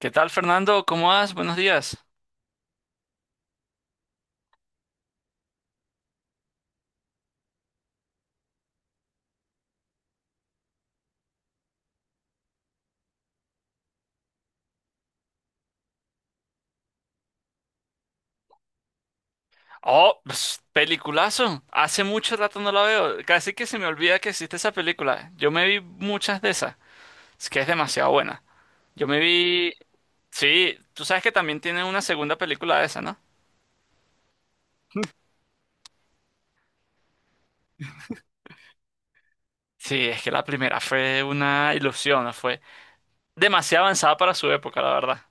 ¿Qué tal, Fernando? ¿Cómo vas? Buenos días. Oh, ps, peliculazo. Hace mucho rato no la veo. Casi que se me olvida que existe esa película. Yo me vi muchas de esas. Es que es demasiado buena. Yo me vi... Sí, tú sabes que también tiene una segunda película de esa, ¿no? Sí, es que la primera fue una ilusión, ¿no? Fue demasiado avanzada para su época, la verdad.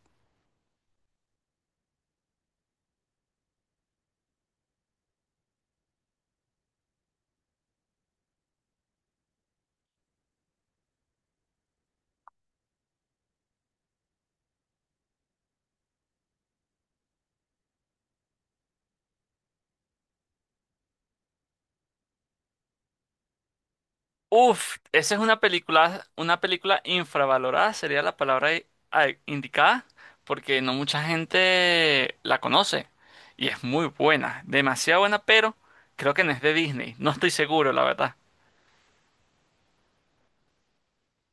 Uf, esa es una película infravalorada, sería la palabra indicada, porque no mucha gente la conoce y es muy buena, demasiado buena, pero creo que no es de Disney, no estoy seguro, la verdad.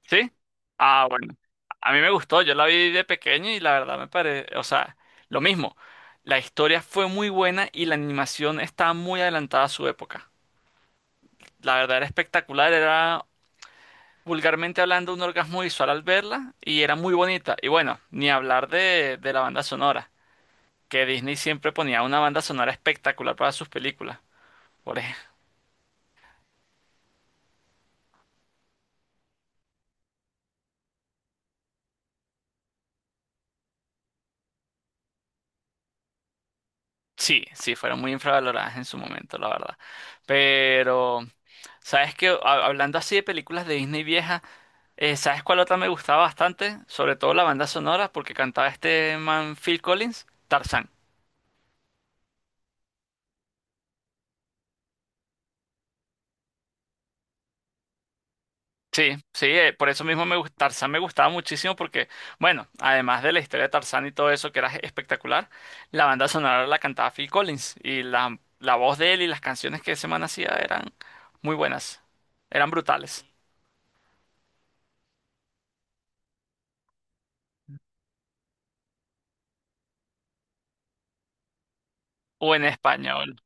¿Sí? Ah, bueno. A mí me gustó, yo la vi de pequeño y la verdad me parece, o sea, lo mismo. La historia fue muy buena y la animación estaba muy adelantada a su época. La verdad era espectacular, era vulgarmente hablando, un orgasmo visual al verla y era muy bonita. Y bueno, ni hablar de la banda sonora, que Disney siempre ponía una banda sonora espectacular para sus películas. Por ej- Sí, sí, fueron muy infravaloradas en su momento, la verdad. Pero, ¿sabes qué? Hablando así de películas de Disney vieja, ¿sabes cuál otra me gustaba bastante? Sobre todo la banda sonora, porque cantaba este man Phil Collins, Tarzán. Sí, sí, por eso mismo Tarzán me gustaba muchísimo porque, bueno, además de la historia de Tarzán y todo eso que era espectacular, la banda sonora la cantaba Phil Collins y la voz de él y las canciones que ese man hacía eran muy buenas, eran brutales. O en español.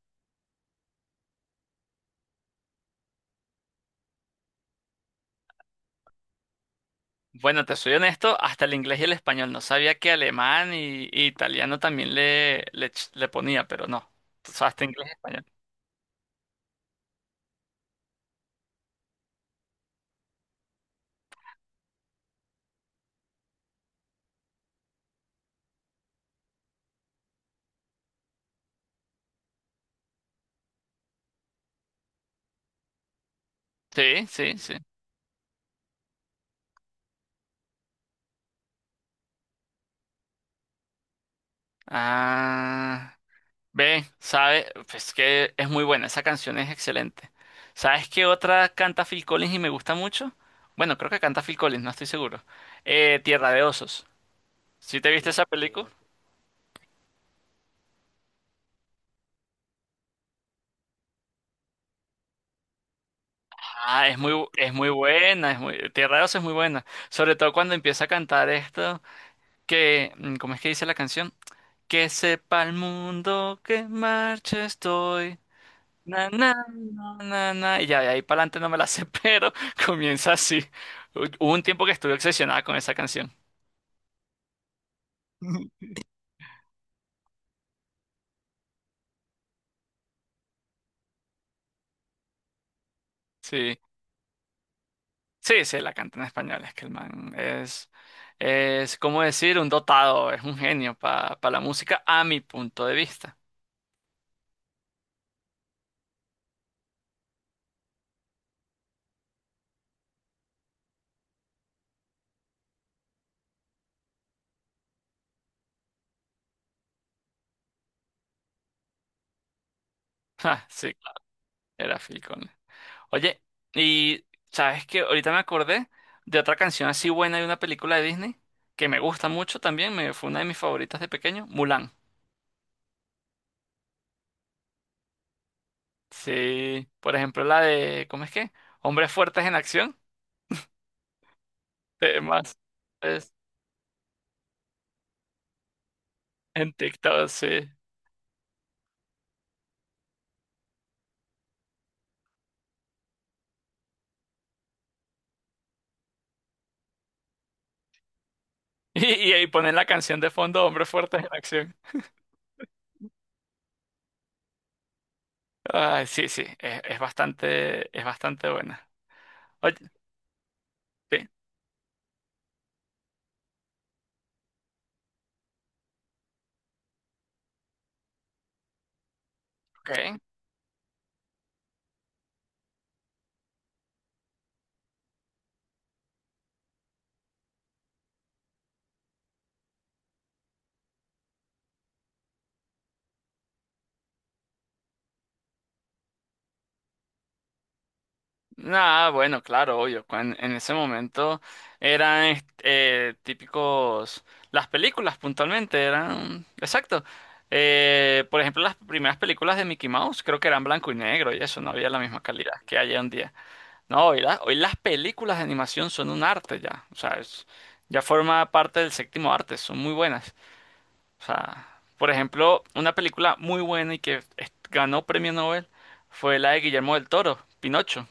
Bueno, te soy honesto, hasta el inglés y el español. No sabía que alemán y italiano también le ponía, pero no. O sea, hasta inglés y español. Sí, sí, sí. Ah. Ve, sabe, pues que es muy buena, esa canción es excelente. ¿Sabes qué otra canta Phil Collins y me gusta mucho? Bueno, creo que canta Phil Collins, no estoy seguro. Tierra de Osos. ¿Sí te viste esa película? No. Ah, es muy, es muy buena, es muy, Tierra de Osos es muy buena. Sobre todo cuando empieza a cantar esto, que, ¿cómo es que dice la canción? Que sepa el mundo que en marcha estoy. Na, na, na, na, na, y ya de ahí para adelante no me la sé, pero comienza así. Hubo un tiempo que estuve obsesionada con esa canción. Sí, sí, sí, la canta en español. Es que el man es, ¿cómo decir? Un dotado, es un genio para la música, a mi punto de vista. Ja, sí, claro, era Phil Collins. Oye, y sabes que ahorita me acordé de otra canción así buena de una película de Disney que me gusta mucho también, me, fue una de mis favoritas de pequeño, Mulan. Sí, por ejemplo, la de, ¿cómo es que? Hombres fuertes en acción. Temas es en TikTok, sí. Y ahí ponen la canción de fondo, Hombres fuertes en acción. Ay, sí, sí, es bastante buena. Oye, sí, ok. Nada, bueno, claro, obvio. En ese momento eran típicos, las películas puntualmente eran, exacto. Por ejemplo, las primeras películas de Mickey Mouse creo que eran blanco y negro y eso no había la misma calidad que hay hoy en día. No, hoy, hoy las películas de animación son un arte ya. O sea, ya forma parte del séptimo arte, son muy buenas. O sea, por ejemplo, una película muy buena y que ganó premio Nobel fue la de Guillermo del Toro, Pinocho.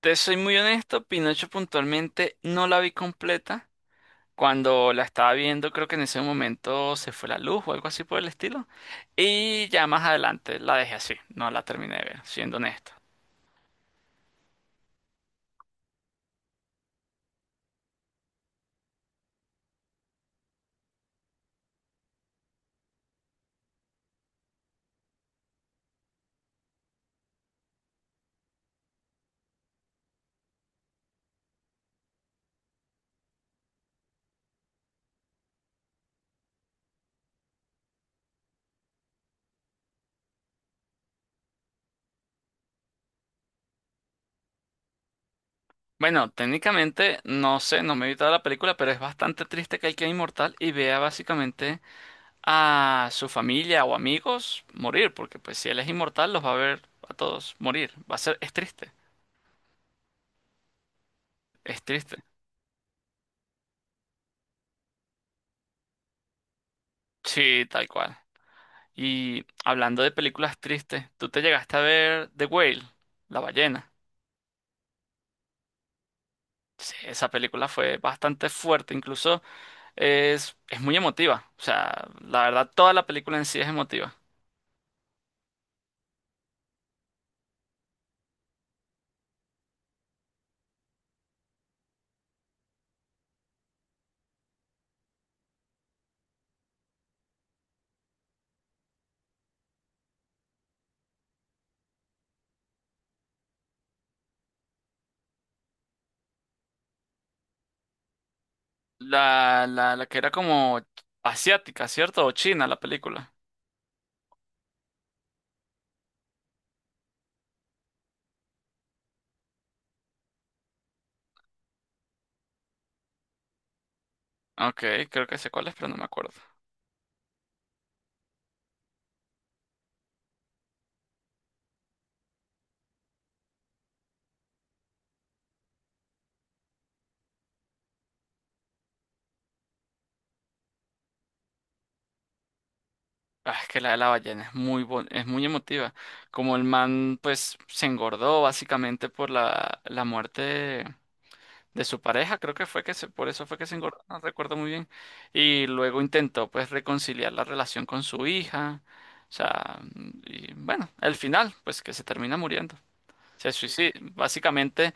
Te soy muy honesto, Pinocho puntualmente no la vi completa. Cuando la estaba viendo, creo que en ese momento se fue la luz o algo así por el estilo. Y ya más adelante la dejé así, no la terminé de ver, siendo honesto. Bueno, técnicamente no sé, no me he evitado la película, pero es bastante triste que él quede inmortal y vea básicamente a su familia o amigos morir, porque pues si él es inmortal los va a ver a todos morir. Va a ser, es triste, es triste. Sí, tal cual. Y hablando de películas tristes, ¿tú te llegaste a ver The Whale, la ballena? Sí, esa película fue bastante fuerte, incluso es muy emotiva. O sea, la verdad, toda la película en sí es emotiva. La que era como asiática, ¿cierto? O china la película. Ok, creo que sé cuál es, pero no me acuerdo. Ah, es que la de la ballena es muy es muy emotiva. Como el man, pues, se engordó básicamente por la muerte de su pareja, creo que fue que se, por eso fue que se engordó, no recuerdo muy bien. Y luego intentó, pues, reconciliar la relación con su hija. O sea, y bueno, el final, pues, que se termina muriendo. Se suicida. Básicamente.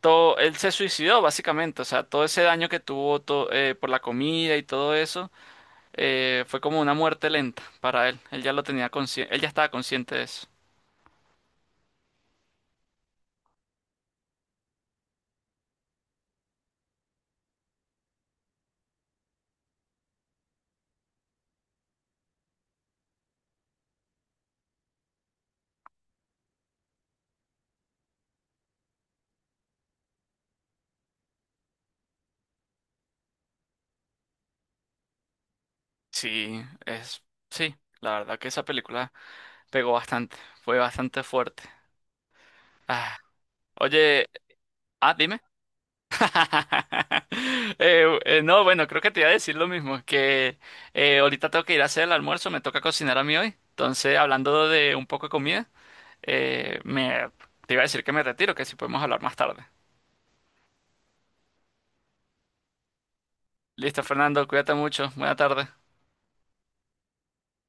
Todo, él se suicidó básicamente, o sea, todo ese daño que tuvo por la comida y todo eso, fue como una muerte lenta para él. Él ya lo tenía consciente, él ya estaba consciente de eso. Sí, es, sí, la verdad que esa película pegó bastante, fue bastante fuerte. Ah, oye, ah, dime. No, bueno, creo que te iba a decir lo mismo, que ahorita tengo que ir a hacer el almuerzo, me toca cocinar a mí hoy. Entonces, hablando de un poco de comida. Me, te iba a decir que me retiro, que si podemos hablar más tarde. Listo, Fernando, cuídate mucho. Buena tarde.